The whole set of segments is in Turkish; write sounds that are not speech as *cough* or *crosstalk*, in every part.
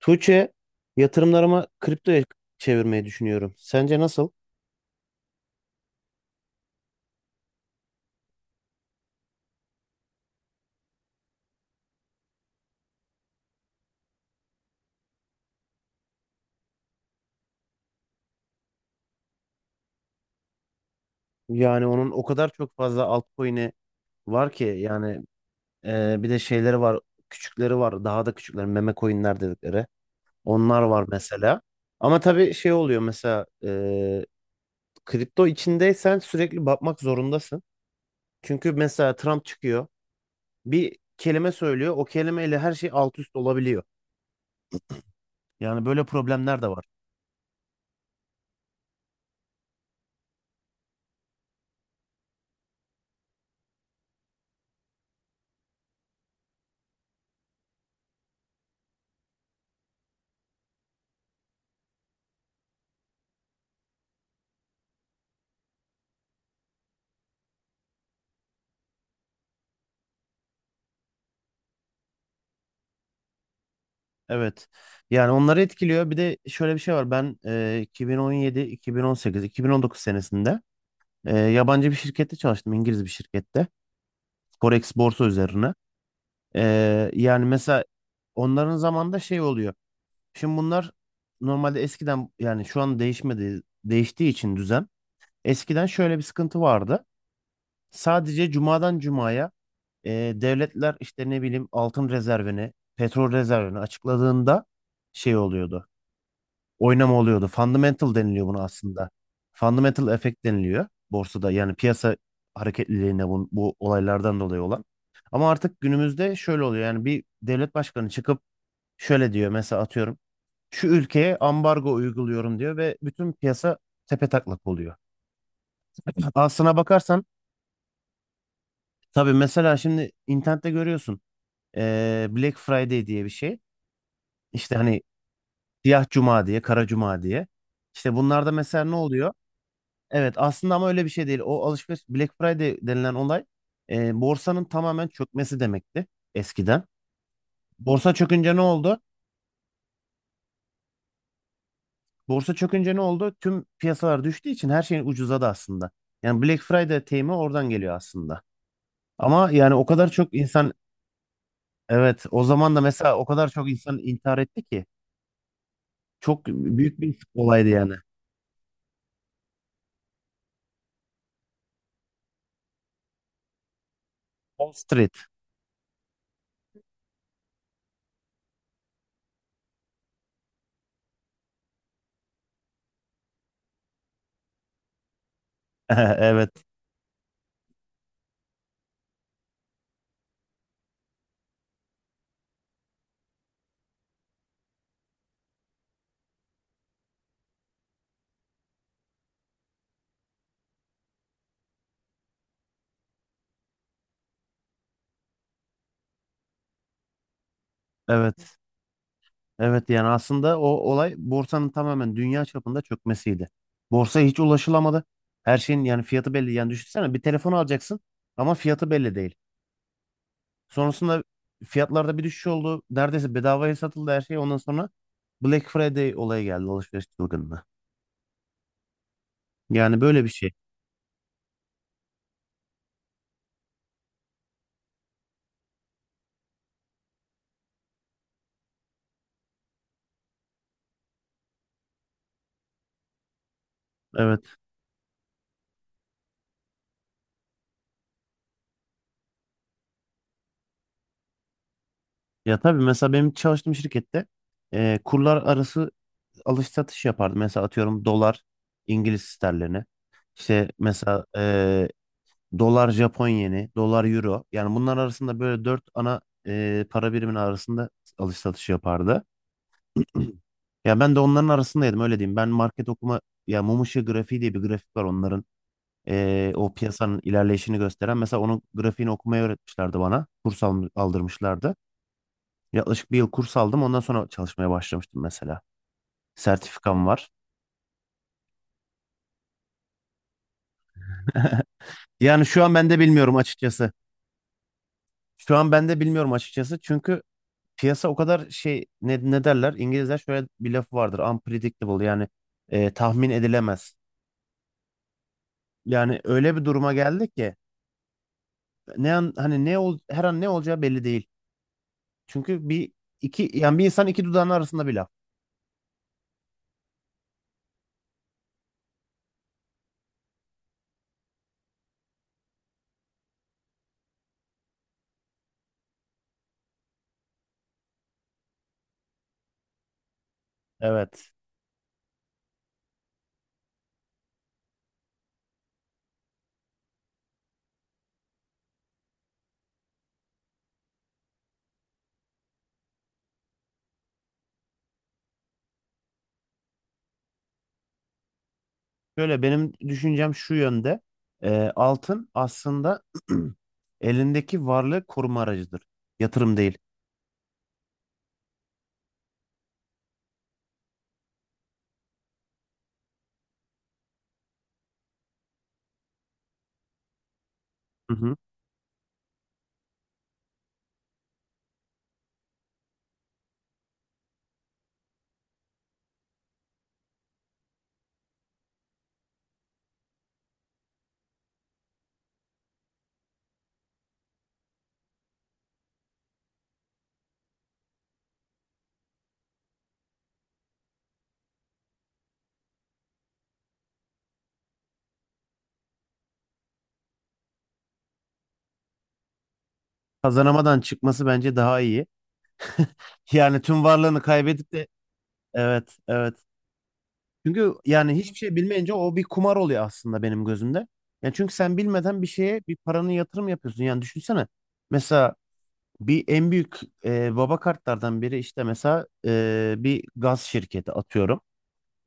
Tuğçe, yatırımlarımı kriptoya çevirmeyi düşünüyorum. Sence nasıl? Yani onun o kadar çok fazla altcoin'i var ki yani, bir de şeyleri var, küçükleri var, daha da küçükleri meme coin'ler dedikleri. Onlar var mesela. Ama tabii şey oluyor mesela, kripto içindeysen sürekli bakmak zorundasın. Çünkü mesela Trump çıkıyor, bir kelime söylüyor, o kelimeyle her şey alt üst olabiliyor. Yani böyle problemler de var. Evet. Yani onları etkiliyor. Bir de şöyle bir şey var. Ben 2017, 2018, 2019 senesinde yabancı bir şirkette çalıştım. İngiliz bir şirkette. Forex borsa üzerine. Yani mesela onların zamanında şey oluyor. Şimdi bunlar normalde eskiden yani şu an değişmedi, değiştiği için düzen. Eskiden şöyle bir sıkıntı vardı. Sadece cumadan cumaya devletler işte ne bileyim altın rezervini, petrol rezervini açıkladığında şey oluyordu. Oynama oluyordu. Fundamental deniliyor buna aslında. Fundamental effect deniliyor borsada. Yani piyasa hareketliliğine bu olaylardan dolayı olan. Ama artık günümüzde şöyle oluyor. Yani bir devlet başkanı çıkıp şöyle diyor mesela, atıyorum. Şu ülkeye ambargo uyguluyorum diyor ve bütün piyasa tepetaklak oluyor. Aslına bakarsan tabii mesela şimdi internette görüyorsun. Black Friday diye bir şey. İşte hani Siyah Cuma diye, Kara Cuma diye. İşte bunlarda mesela ne oluyor? Evet, aslında ama öyle bir şey değil. O alışveriş Black Friday denilen olay, borsanın tamamen çökmesi demekti eskiden. Borsa çökünce ne oldu? Borsa çökünce ne oldu? Tüm piyasalar düştüğü için her şeyin ucuzadı aslında. Yani Black Friday deyimi oradan geliyor aslında. Ama yani o kadar çok insan, evet, o zaman da mesela o kadar çok insan intihar etti ki, çok büyük bir olaydı yani. Wall Street. *laughs* Evet, evet. Evet, yani aslında o olay borsanın tamamen dünya çapında çökmesiydi. Borsaya hiç ulaşılamadı. Her şeyin yani fiyatı belli. Yani düşünsene, bir telefon alacaksın ama fiyatı belli değil. Sonrasında fiyatlarda bir düşüş oldu. Neredeyse bedavaya satıldı her şey. Ondan sonra Black Friday olayı geldi, alışveriş çılgınlığı. Yani böyle bir şey. Evet. Ya tabii mesela benim çalıştığım şirkette kurlar arası alış satış yapardı. Mesela atıyorum, dolar İngiliz sterlini. İşte mesela dolar Japon yeni, dolar euro. Yani bunlar arasında böyle dört ana para birimin arasında alış satış yapardı. *clears throat* Ya ben de onların arasındaydım, öyle diyeyım. Ben market okuma, ya mum ışığı grafiği diye bir grafik var onların. O piyasanın ilerleyişini gösteren. Mesela onun grafiğini okumayı öğretmişlerdi bana. Kurs aldırmışlardı. Yaklaşık bir yıl kurs aldım. Ondan sonra çalışmaya başlamıştım mesela. Sertifikam var. *laughs* Yani şu an ben de bilmiyorum açıkçası. Şu an ben de bilmiyorum açıkçası. Çünkü piyasa o kadar şey, ne derler? İngilizler şöyle bir lafı vardır. Unpredictable, yani tahmin edilemez. Yani öyle bir duruma geldik ki ne an, hani her an ne olacağı belli değil. Çünkü bir iki yani bir insan, iki dudağının arasında bir laf. Evet. Şöyle, benim düşüncem şu yönde. E, Altın aslında *clears throat* elindeki varlığı koruma aracıdır. Yatırım değil. Hı hı. Kazanamadan çıkması bence daha iyi. Yani tüm varlığını kaybedip de, evet, evet. Çünkü yani hiçbir şey bilmeyince o bir kumar oluyor aslında benim gözümde. Yani çünkü sen bilmeden bir şeye bir paranı yatırım yapıyorsun. Yani düşünsene, mesela bir en büyük baba kartlardan biri işte mesela, bir gaz şirketi atıyorum.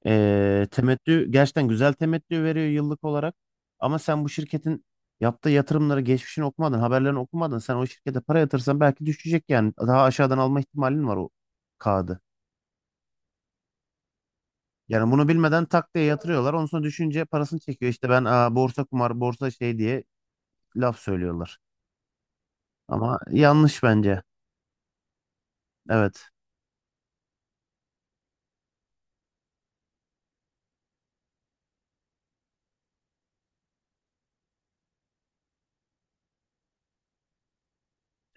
Temettü gerçekten güzel temettü veriyor yıllık olarak. Ama sen bu şirketin yaptığı yatırımları, geçmişini okumadın, haberlerini okumadın. Sen o şirkete para yatırsan belki düşecek yani. Daha aşağıdan alma ihtimalin var o kağıdı. Yani bunu bilmeden tak diye yatırıyorlar. Ondan sonra düşünce parasını çekiyor. İşte ben, borsa kumar, borsa şey diye laf söylüyorlar. Ama yanlış bence. Evet.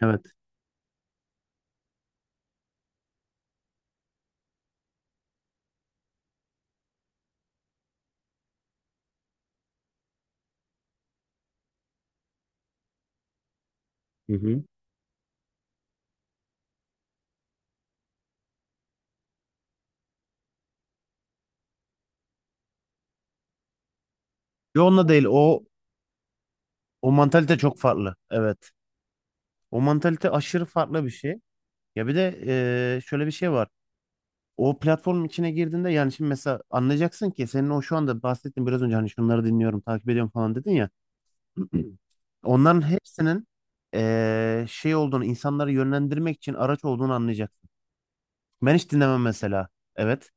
Evet. Hı hı. Yo, onunla değil. O mantalite çok farklı. Evet. O mantalite aşırı farklı bir şey. Ya bir de şöyle bir şey var. O platformun içine girdiğinde, yani şimdi mesela anlayacaksın ki senin o şu anda bahsettiğin, biraz önce hani şunları dinliyorum, takip ediyorum falan dedin ya. *clears throat* Onların hepsinin şey olduğunu, insanları yönlendirmek için araç olduğunu anlayacak. Ben hiç dinlemem mesela. Evet.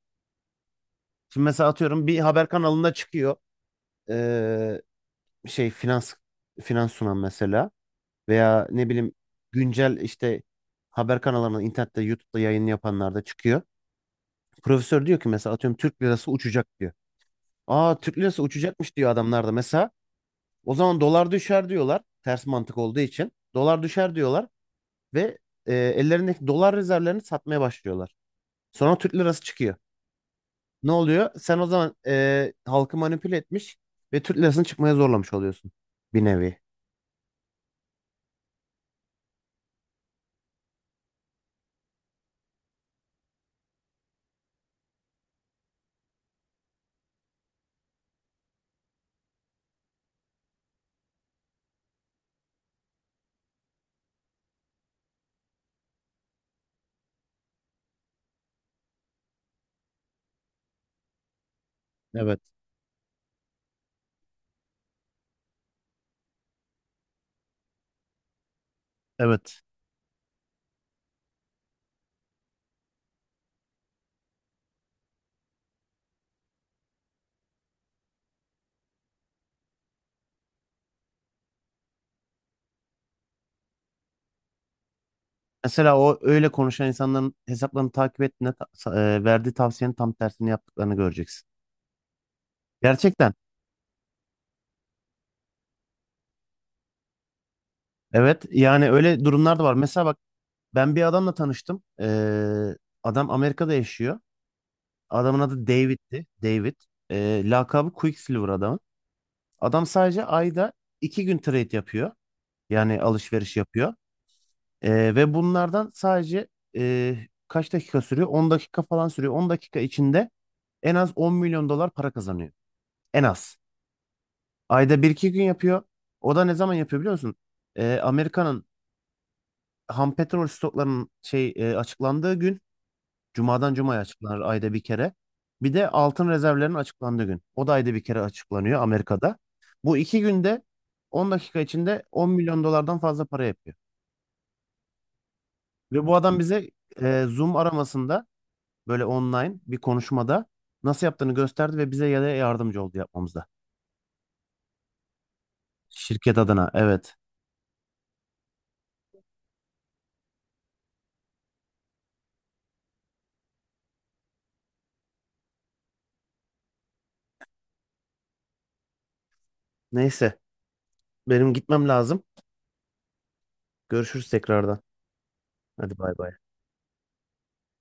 Şimdi mesela atıyorum, bir haber kanalında çıkıyor. Ee, Şey, finans sunan mesela veya ne bileyim güncel işte haber kanallarında, internette, YouTube'da yayın yapanlar da çıkıyor. Profesör diyor ki mesela, atıyorum Türk lirası uçacak diyor. Türk lirası uçacakmış diyor adamlar da mesela. O zaman dolar düşer diyorlar. Ters mantık olduğu için. Dolar düşer diyorlar ve ellerindeki dolar rezervlerini satmaya başlıyorlar. Sonra Türk lirası çıkıyor. Ne oluyor? Sen o zaman halkı manipüle etmiş ve Türk lirasını çıkmaya zorlamış oluyorsun bir nevi. Evet. Evet. Mesela o öyle konuşan insanların hesaplarını takip ettiğinde, verdiği tavsiyenin tam tersini yaptıklarını göreceksin. Gerçekten. Evet, yani öyle durumlar da var. Mesela bak, ben bir adamla tanıştım. Adam Amerika'da yaşıyor. Adamın adı David'ti. David. Lakabı Quicksilver adamın. Adam sadece ayda 2 gün trade yapıyor. Yani alışveriş yapıyor. Ve bunlardan sadece, e, kaç dakika sürüyor? 10 dakika falan sürüyor. 10 dakika içinde en az 10 milyon dolar para kazanıyor. En az. Ayda bir iki gün yapıyor. O da ne zaman yapıyor biliyor musun? Amerika'nın ham petrol stoklarının açıklandığı gün. Cuma'dan Cuma'ya açıklanır ayda bir kere. Bir de altın rezervlerinin açıklandığı gün. O da ayda bir kere açıklanıyor Amerika'da. Bu 2 günde 10 dakika içinde 10 milyon dolardan fazla para yapıyor. Ve bu adam bize Zoom aramasında, böyle online bir konuşmada nasıl yaptığını gösterdi ve bize ya da yardımcı oldu yapmamızda. Şirket adına, evet. Neyse, benim gitmem lazım. Görüşürüz tekrardan. Hadi bay bay.